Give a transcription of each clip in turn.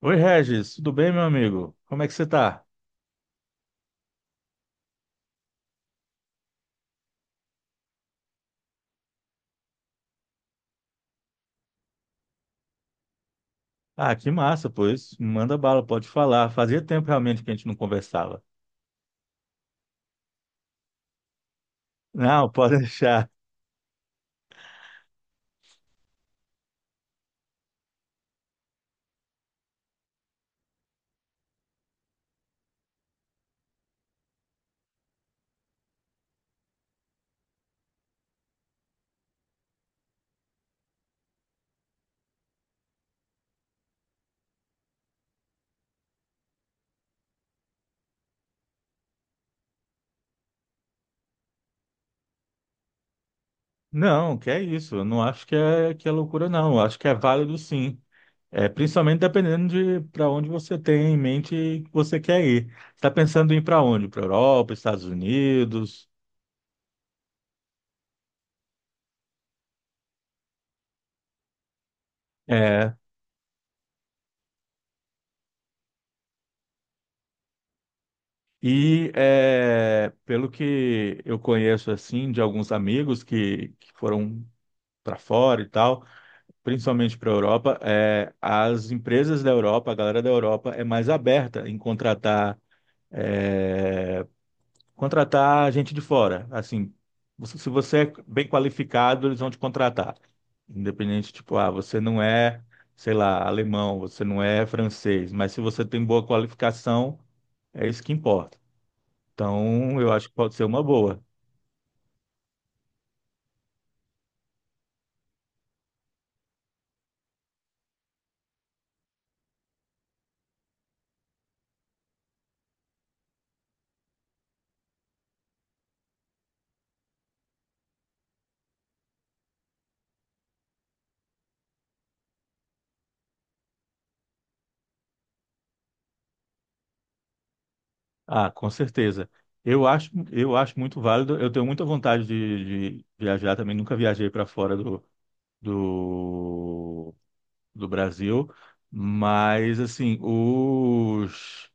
Oi, Regis, tudo bem, meu amigo? Como é que você tá? Ah, que massa, pois. Manda bala, pode falar. Fazia tempo realmente que a gente não conversava. Não, pode deixar. Não, que é isso. Eu não acho que é loucura, não. Eu acho que é válido, sim. É, principalmente dependendo de para onde você tem em mente que você quer ir. Você está pensando em ir para onde? Para Europa, Estados Unidos? É. E é, pelo que eu conheço assim de alguns amigos que foram para fora e tal, principalmente para a Europa, as empresas da Europa, a galera da Europa é mais aberta em contratar é, contratar gente de fora. Assim, se você é bem qualificado, eles vão te contratar. Independente, tipo, ah, você não é, sei lá, alemão, você não é francês, mas se você tem boa qualificação, é isso que importa. Então, eu acho que pode ser uma boa. Ah, com certeza. Eu acho muito válido. Eu tenho muita vontade de viajar também. Nunca viajei para fora do, do Brasil, mas assim,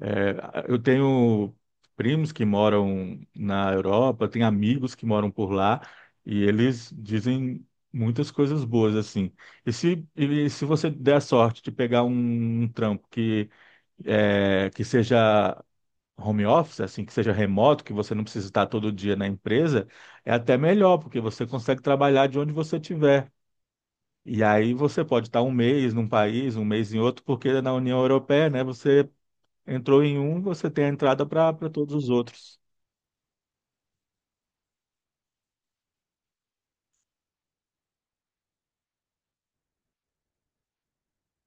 é, eu tenho primos que moram na Europa, tenho amigos que moram por lá e eles dizem muitas coisas boas assim. E se você der a sorte de pegar um trampo que seja home office, assim, que seja remoto, que você não precisa estar todo dia na empresa, é até melhor, porque você consegue trabalhar de onde você estiver. E aí você pode estar um mês num país, um mês em outro, porque na União Europeia, né, você entrou em um, você tem a entrada para todos os outros.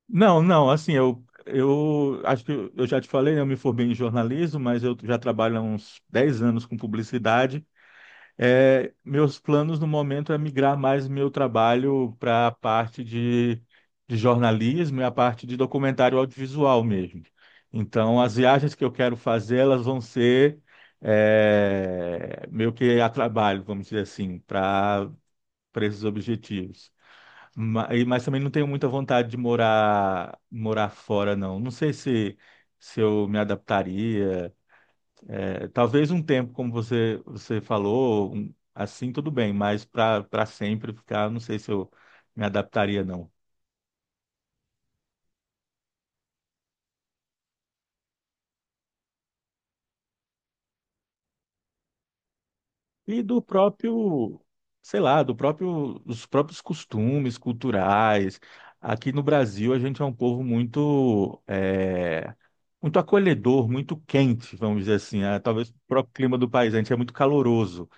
Não, não, assim, eu acho que eu já te falei, né, eu me formei em jornalismo, mas eu já trabalho há uns 10 anos com publicidade. É, meus planos no momento é migrar mais meu trabalho para a parte de jornalismo e a parte de documentário audiovisual mesmo. Então, as viagens que eu quero fazer, elas vão ser meio que a trabalho, vamos dizer assim, para esses objetivos. Mas também não tenho muita vontade de morar fora, não. Não sei se, se eu me adaptaria. É, talvez um tempo, como você falou, assim tudo bem, mas para sempre ficar, não sei se eu me adaptaria, não. E do próprio, sei lá, do próprio, dos próprios costumes culturais. Aqui no Brasil, a gente é um povo muito, é, muito acolhedor, muito quente, vamos dizer assim. Ah, talvez o próprio clima do país, a gente é muito caloroso.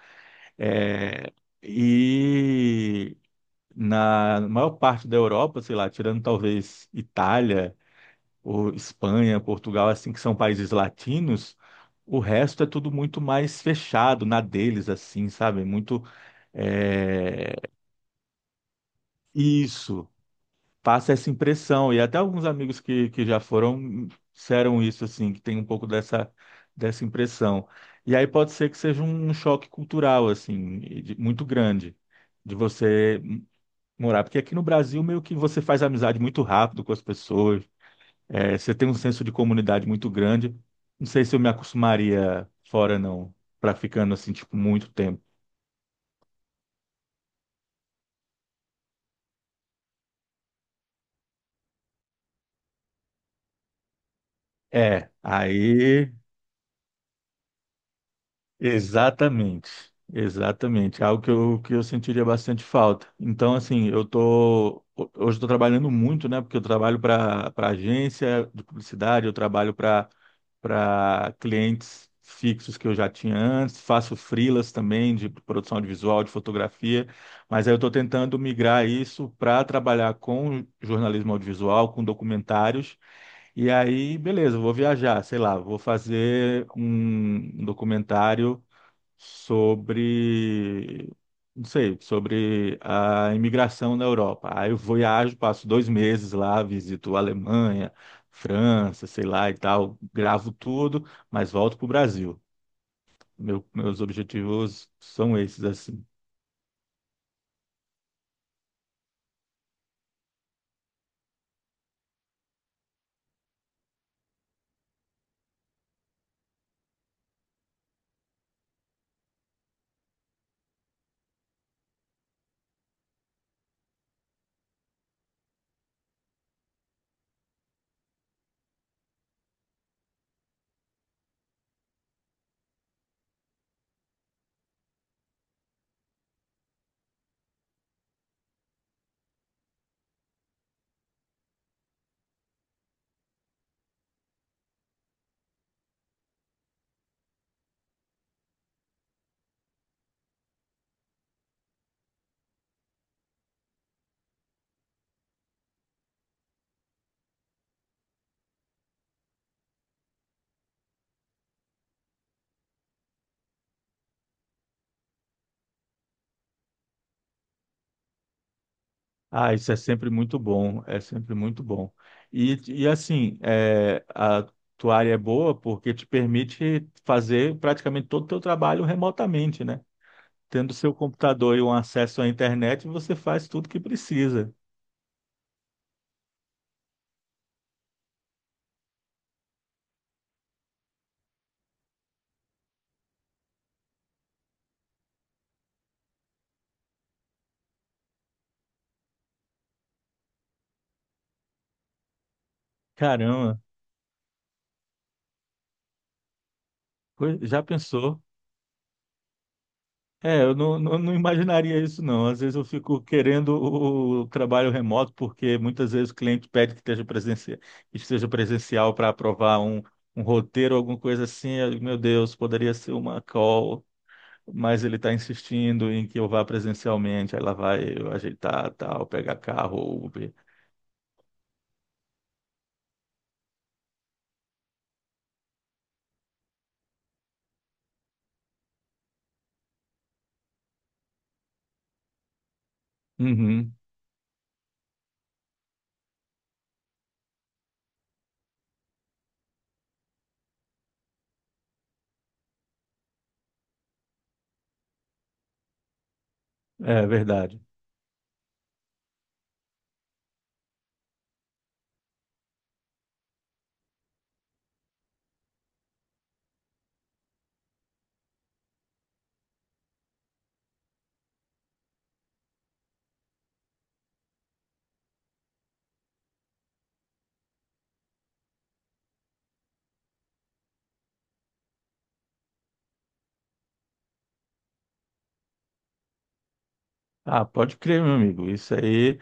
É, e na maior parte da Europa, sei lá, tirando talvez Itália ou Espanha, Portugal, assim, que são países latinos, o resto é tudo muito mais fechado na deles, assim, sabe? Muito é, isso, passa essa impressão. E até alguns amigos que já foram disseram isso, assim, que tem um pouco dessa impressão. E aí pode ser que seja um choque cultural, assim, muito grande, de você morar. Porque aqui no Brasil, meio que você faz amizade muito rápido com as pessoas, é, você tem um senso de comunidade muito grande. Não sei se eu me acostumaria fora, não, pra ficando assim, tipo, muito tempo. É, aí. Exatamente, exatamente. Algo que eu sentiria bastante falta. Então, assim, hoje estou trabalhando muito, né? Porque eu trabalho para agência de publicidade, eu trabalho para clientes fixos que eu já tinha antes, faço freelas também de produção audiovisual, de fotografia, mas aí eu estou tentando migrar isso para trabalhar com jornalismo audiovisual, com documentários. E aí, beleza, eu vou viajar, sei lá, vou fazer um documentário sobre, não sei, sobre a imigração na Europa. Aí eu viajo, passo 2 meses lá, visito a Alemanha, França, sei lá e tal, gravo tudo, mas volto para o Brasil. Meus objetivos são esses, assim. Ah, isso é sempre muito bom, é sempre muito bom. E assim, a tua área é boa porque te permite fazer praticamente todo o teu trabalho remotamente, né? Tendo seu computador e um acesso à internet, você faz tudo que precisa. Caramba, já pensou? É, eu não, não, não imaginaria isso, não. Às vezes eu fico querendo o trabalho remoto, porque muitas vezes o cliente pede que esteja presencial para aprovar um, um roteiro, alguma coisa assim. Meu Deus, poderia ser uma call, mas ele está insistindo em que eu vá presencialmente. Aí lá vai eu ajeitar, tal, pegar carro, Uber. Uhum, é verdade. Ah, pode crer, meu amigo. Isso aí,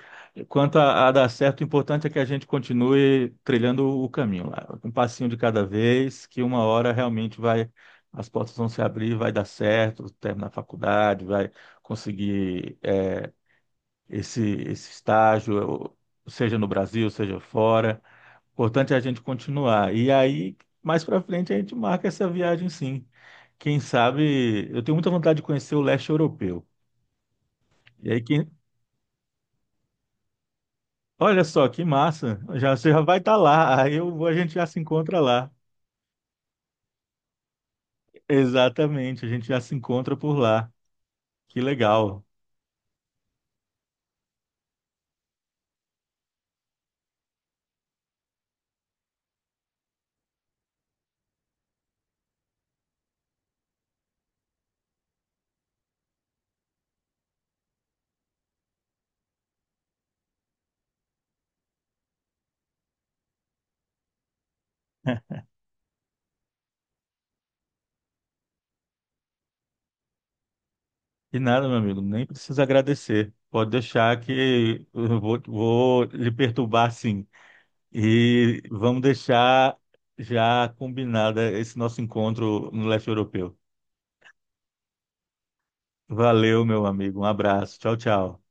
quanto a dar certo, o importante é que a gente continue trilhando o caminho lá, um passinho de cada vez, que uma hora realmente vai, as portas vão se abrir, vai dar certo, terminar a faculdade, vai conseguir esse estágio, seja no Brasil, seja fora. O importante é a gente continuar. E aí, mais para frente, a gente marca essa viagem, sim. Quem sabe, eu tenho muita vontade de conhecer o leste europeu. E aí, quem, Olha só, que massa. Você já vai estar lá. A gente já se encontra lá. Exatamente, a gente já se encontra por lá. Que legal. E nada, meu amigo, nem precisa agradecer. Pode deixar que vou lhe perturbar, sim. E vamos deixar já combinada esse nosso encontro no leste europeu. Valeu, meu amigo. Um abraço. Tchau, tchau.